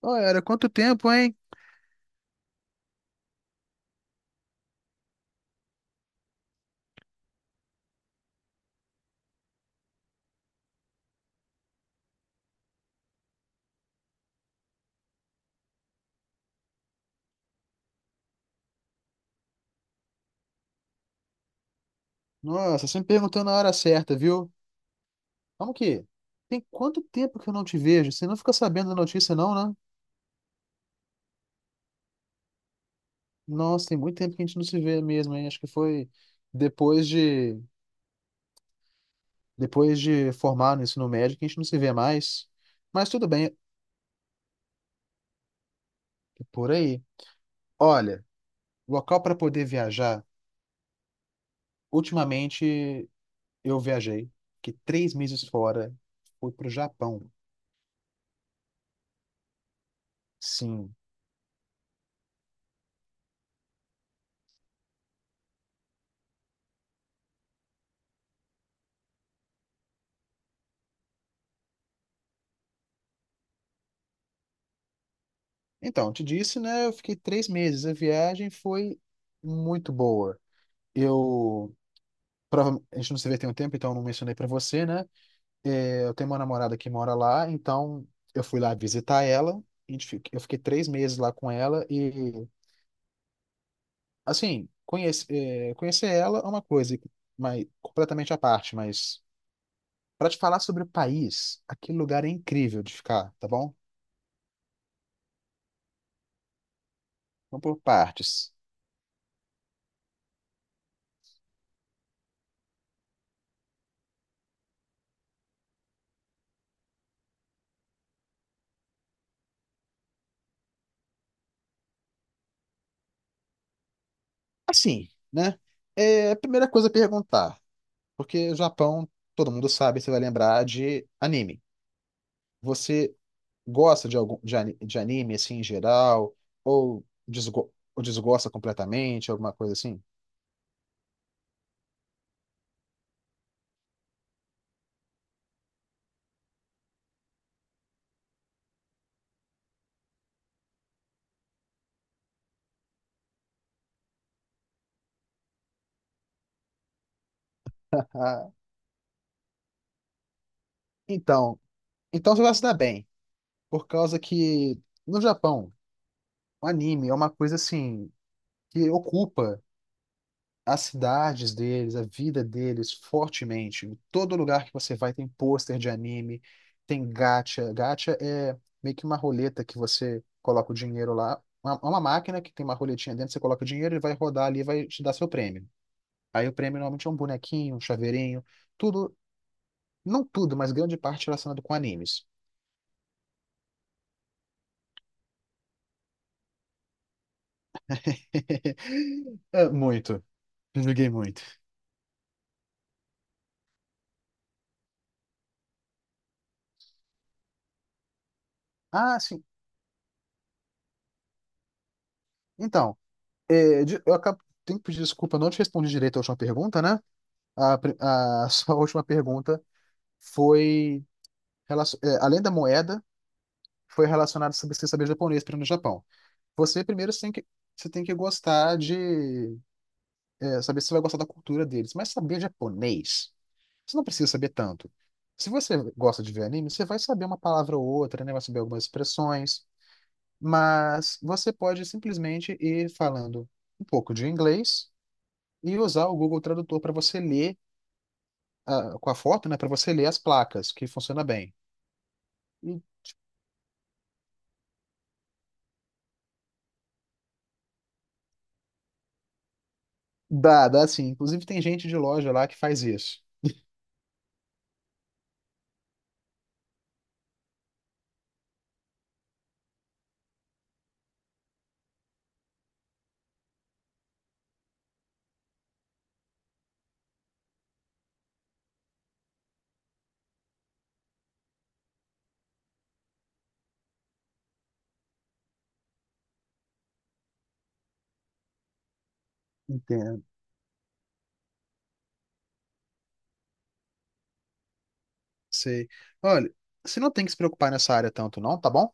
Ô, era quanto tempo, hein? Nossa, você me perguntou na hora certa, viu? Como que? Tem quanto tempo que eu não te vejo? Você não fica sabendo da notícia, não, né? Nossa, tem muito tempo que a gente não se vê mesmo, hein? Acho que foi depois de depois de formar no ensino médio que a gente não se vê mais. Mas tudo bem, é por aí. Olha, local para poder viajar. Ultimamente eu viajei, fiquei 3 meses fora, fui pro Japão. Sim. Então, eu te disse, né? Eu fiquei 3 meses. A viagem foi muito boa. Eu. A gente não se vê tem um tempo, então eu não mencionei pra você, né? É, eu tenho uma namorada que mora lá, então eu fui lá visitar ela. Eu fiquei três meses lá com ela e, assim, conhecer ela é uma coisa, mas completamente à parte. Mas pra te falar sobre o país, aquele lugar é incrível de ficar, tá bom? Vamos por partes. Assim, né? É a primeira coisa a perguntar. Porque o Japão, todo mundo sabe, você vai lembrar de anime. Você gosta de algum de anime assim em geral ou desgosta completamente, alguma coisa assim? Ah, Então, então você vai se dar bem, por causa que no Japão, o anime é uma coisa assim que ocupa as cidades deles, a vida deles, fortemente. Em todo lugar que você vai tem pôster de anime, tem gacha. Gacha é meio que uma roleta que você coloca o dinheiro lá. É uma máquina que tem uma roletinha dentro, você coloca o dinheiro, ele vai rodar ali e vai te dar seu prêmio. Aí o prêmio normalmente é um bonequinho, um chaveirinho, tudo, não tudo, mas grande parte relacionado com animes. É, muito. Joguei muito. Ah, sim. Então, eu acabo, tenho que pedir desculpa, eu não te respondi direito a última pergunta, né? A sua última pergunta foi, além da moeda, foi relacionada sobre você saber japonês para ir no Japão. Você primeiro você tem que, você tem que gostar de, saber se você vai gostar da cultura deles, mas saber japonês, você não precisa saber tanto. Se você gosta de ver anime, você vai saber uma palavra ou outra, né? Vai saber algumas expressões, mas você pode simplesmente ir falando um pouco de inglês e usar o Google Tradutor para você ler, ah, com a foto, né? Para você ler as placas, que funciona bem. Dá, dá sim. Inclusive tem gente de loja lá que faz isso. Entendo. Sei. Olha, você não tem que se preocupar nessa área tanto, não, tá bom?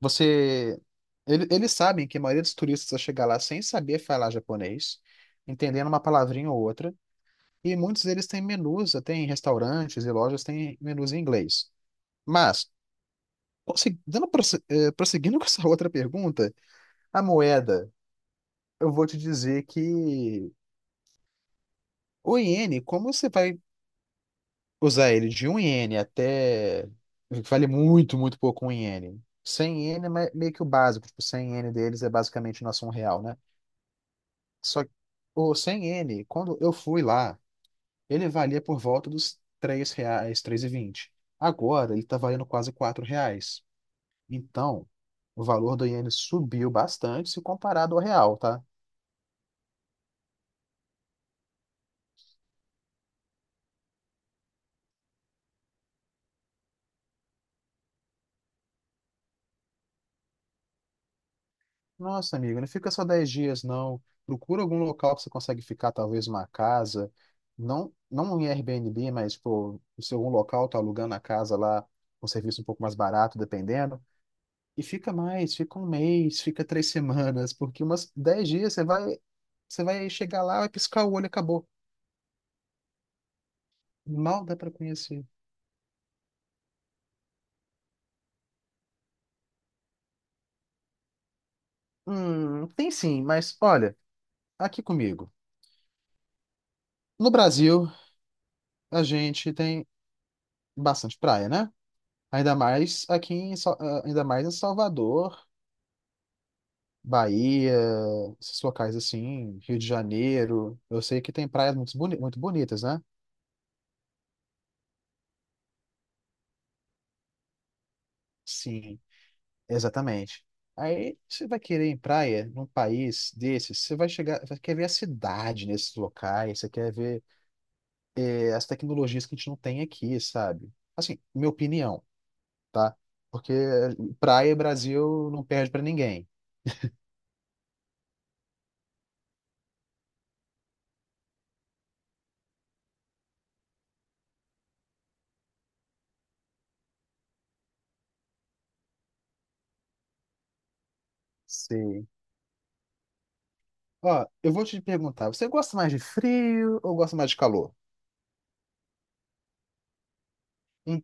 Você. Eles sabem que a maioria dos turistas vai chegar lá sem saber falar japonês, entendendo uma palavrinha ou outra, e muitos deles têm menus, até em restaurantes e lojas têm menus em inglês. Mas, prosseguindo com essa outra pergunta, a moeda, eu vou te dizer que o iene, como você vai usar ele de um iene até. Vale muito, muito pouco um iene. Cem iene é meio que o básico, tipo, 100 iene deles é basicamente nosso um real, né? Só que o 100 iene, quando eu fui lá, ele valia por volta dos 3 reais, 3,20. Agora ele tá valendo quase 4 reais. Então, o valor do iene subiu bastante se comparado ao real, tá? Nossa, amigo, não fica só 10 dias, não. Procura algum local que você consegue ficar, talvez uma casa. Não, não em Airbnb, mas, pô, se algum local tá alugando a casa lá, um serviço um pouco mais barato, dependendo. E fica mais, fica um mês, fica três semanas, porque umas 10 dias você vai chegar lá, vai piscar o olho e acabou. Mal dá pra conhecer. Tem sim, mas olha, aqui comigo. No Brasil, a gente tem bastante praia, né? Ainda mais em Salvador, Bahia, esses locais assim, Rio de Janeiro. Eu sei que tem praias muito bonitas, né? Sim, exatamente. Aí você vai querer ir em praia num país desses, você vai chegar, você quer ver a cidade nesses locais, você quer ver as tecnologias que a gente não tem aqui, sabe? Assim, minha opinião, tá? Porque praia Brasil não perde pra ninguém. Ó, eu vou te perguntar, você gosta mais de frio ou gosta mais de calor? Hum.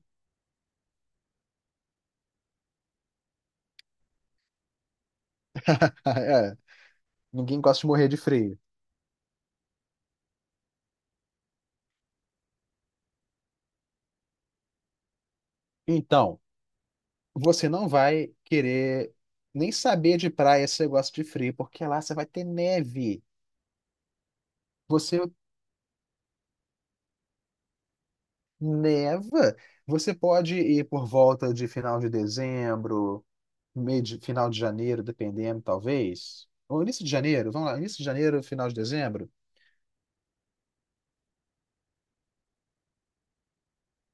É, ninguém gosta de morrer de frio. Então, você não vai querer nem saber de praia se você gosta de frio, porque lá você vai ter neve. Você neva, você pode ir por volta de final de dezembro, final de janeiro, dependendo, talvez. Ou início de janeiro, vamos lá, início de janeiro, final de dezembro.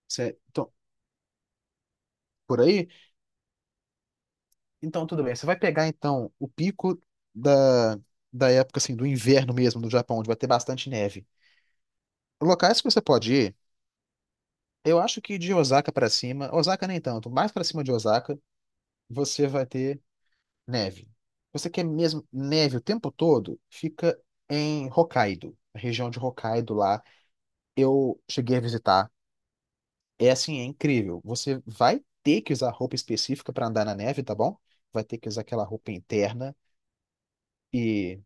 Você, então, por aí? Então, tudo bem. Você vai pegar, então, o pico da, da época, assim, do inverno mesmo do Japão, onde vai ter bastante neve. Locais que você pode ir, eu acho que de Osaka pra cima, Osaka nem tanto, mais pra cima de Osaka, você vai ter neve. Você quer mesmo neve o tempo todo? Fica em Hokkaido, a região de Hokkaido lá. Eu cheguei a visitar. É assim, é incrível. Você vai ter que usar roupa específica pra andar na neve, tá bom? Vai ter que usar aquela roupa interna. e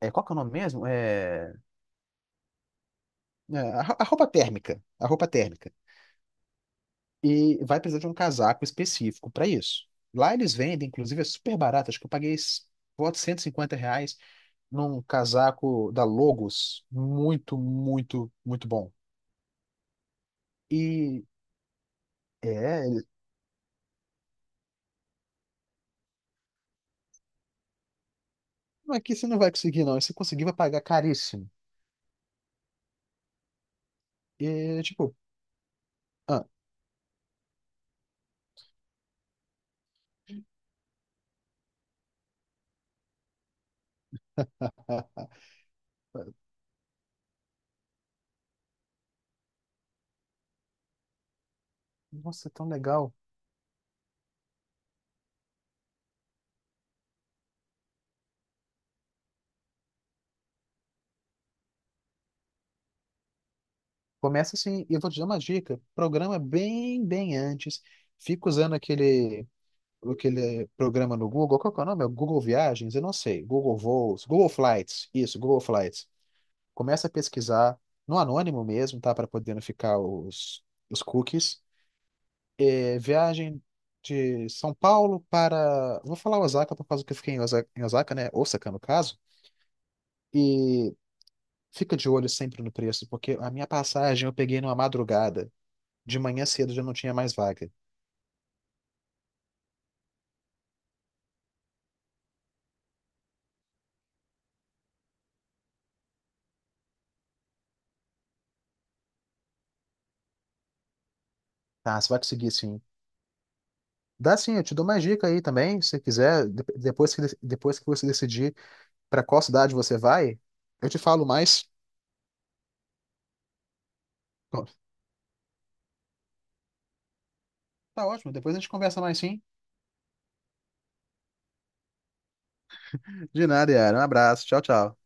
Qual que é o nome mesmo? A roupa térmica. A roupa térmica. E vai precisar de um casaco específico para isso. Lá eles vendem, inclusive, é super barato. Acho que eu paguei, volta de R$ 150 num casaco da Logos. Muito, muito, muito bom. E é, ele- não, aqui você não vai conseguir, não. E se conseguir, vai pagar caríssimo. E tipo, ah, nossa, é tão legal. Começa assim, e eu vou te dar uma dica. Programa bem, bem antes. Fica usando aquele programa no Google, qual que é o nome? É Google Viagens? Eu não sei. Google Voos, Google Flights, isso, Google Flights. Começa a pesquisar no anônimo mesmo, tá? Para poder não ficar os cookies. Viagem de São Paulo para. Vou falar Osaka por causa que eu fiquei em Osaka, né? Osaka, no caso. E fica de olho sempre no preço, porque a minha passagem eu peguei numa madrugada. De manhã cedo já não tinha mais vaga. Tá, você vai conseguir sim. Dá sim, eu te dou mais dica aí também, se quiser, depois que você decidir para qual cidade você vai, eu te falo mais. Tá ótimo, depois a gente conversa mais sim. De nada, Yara. Um abraço. Tchau, tchau.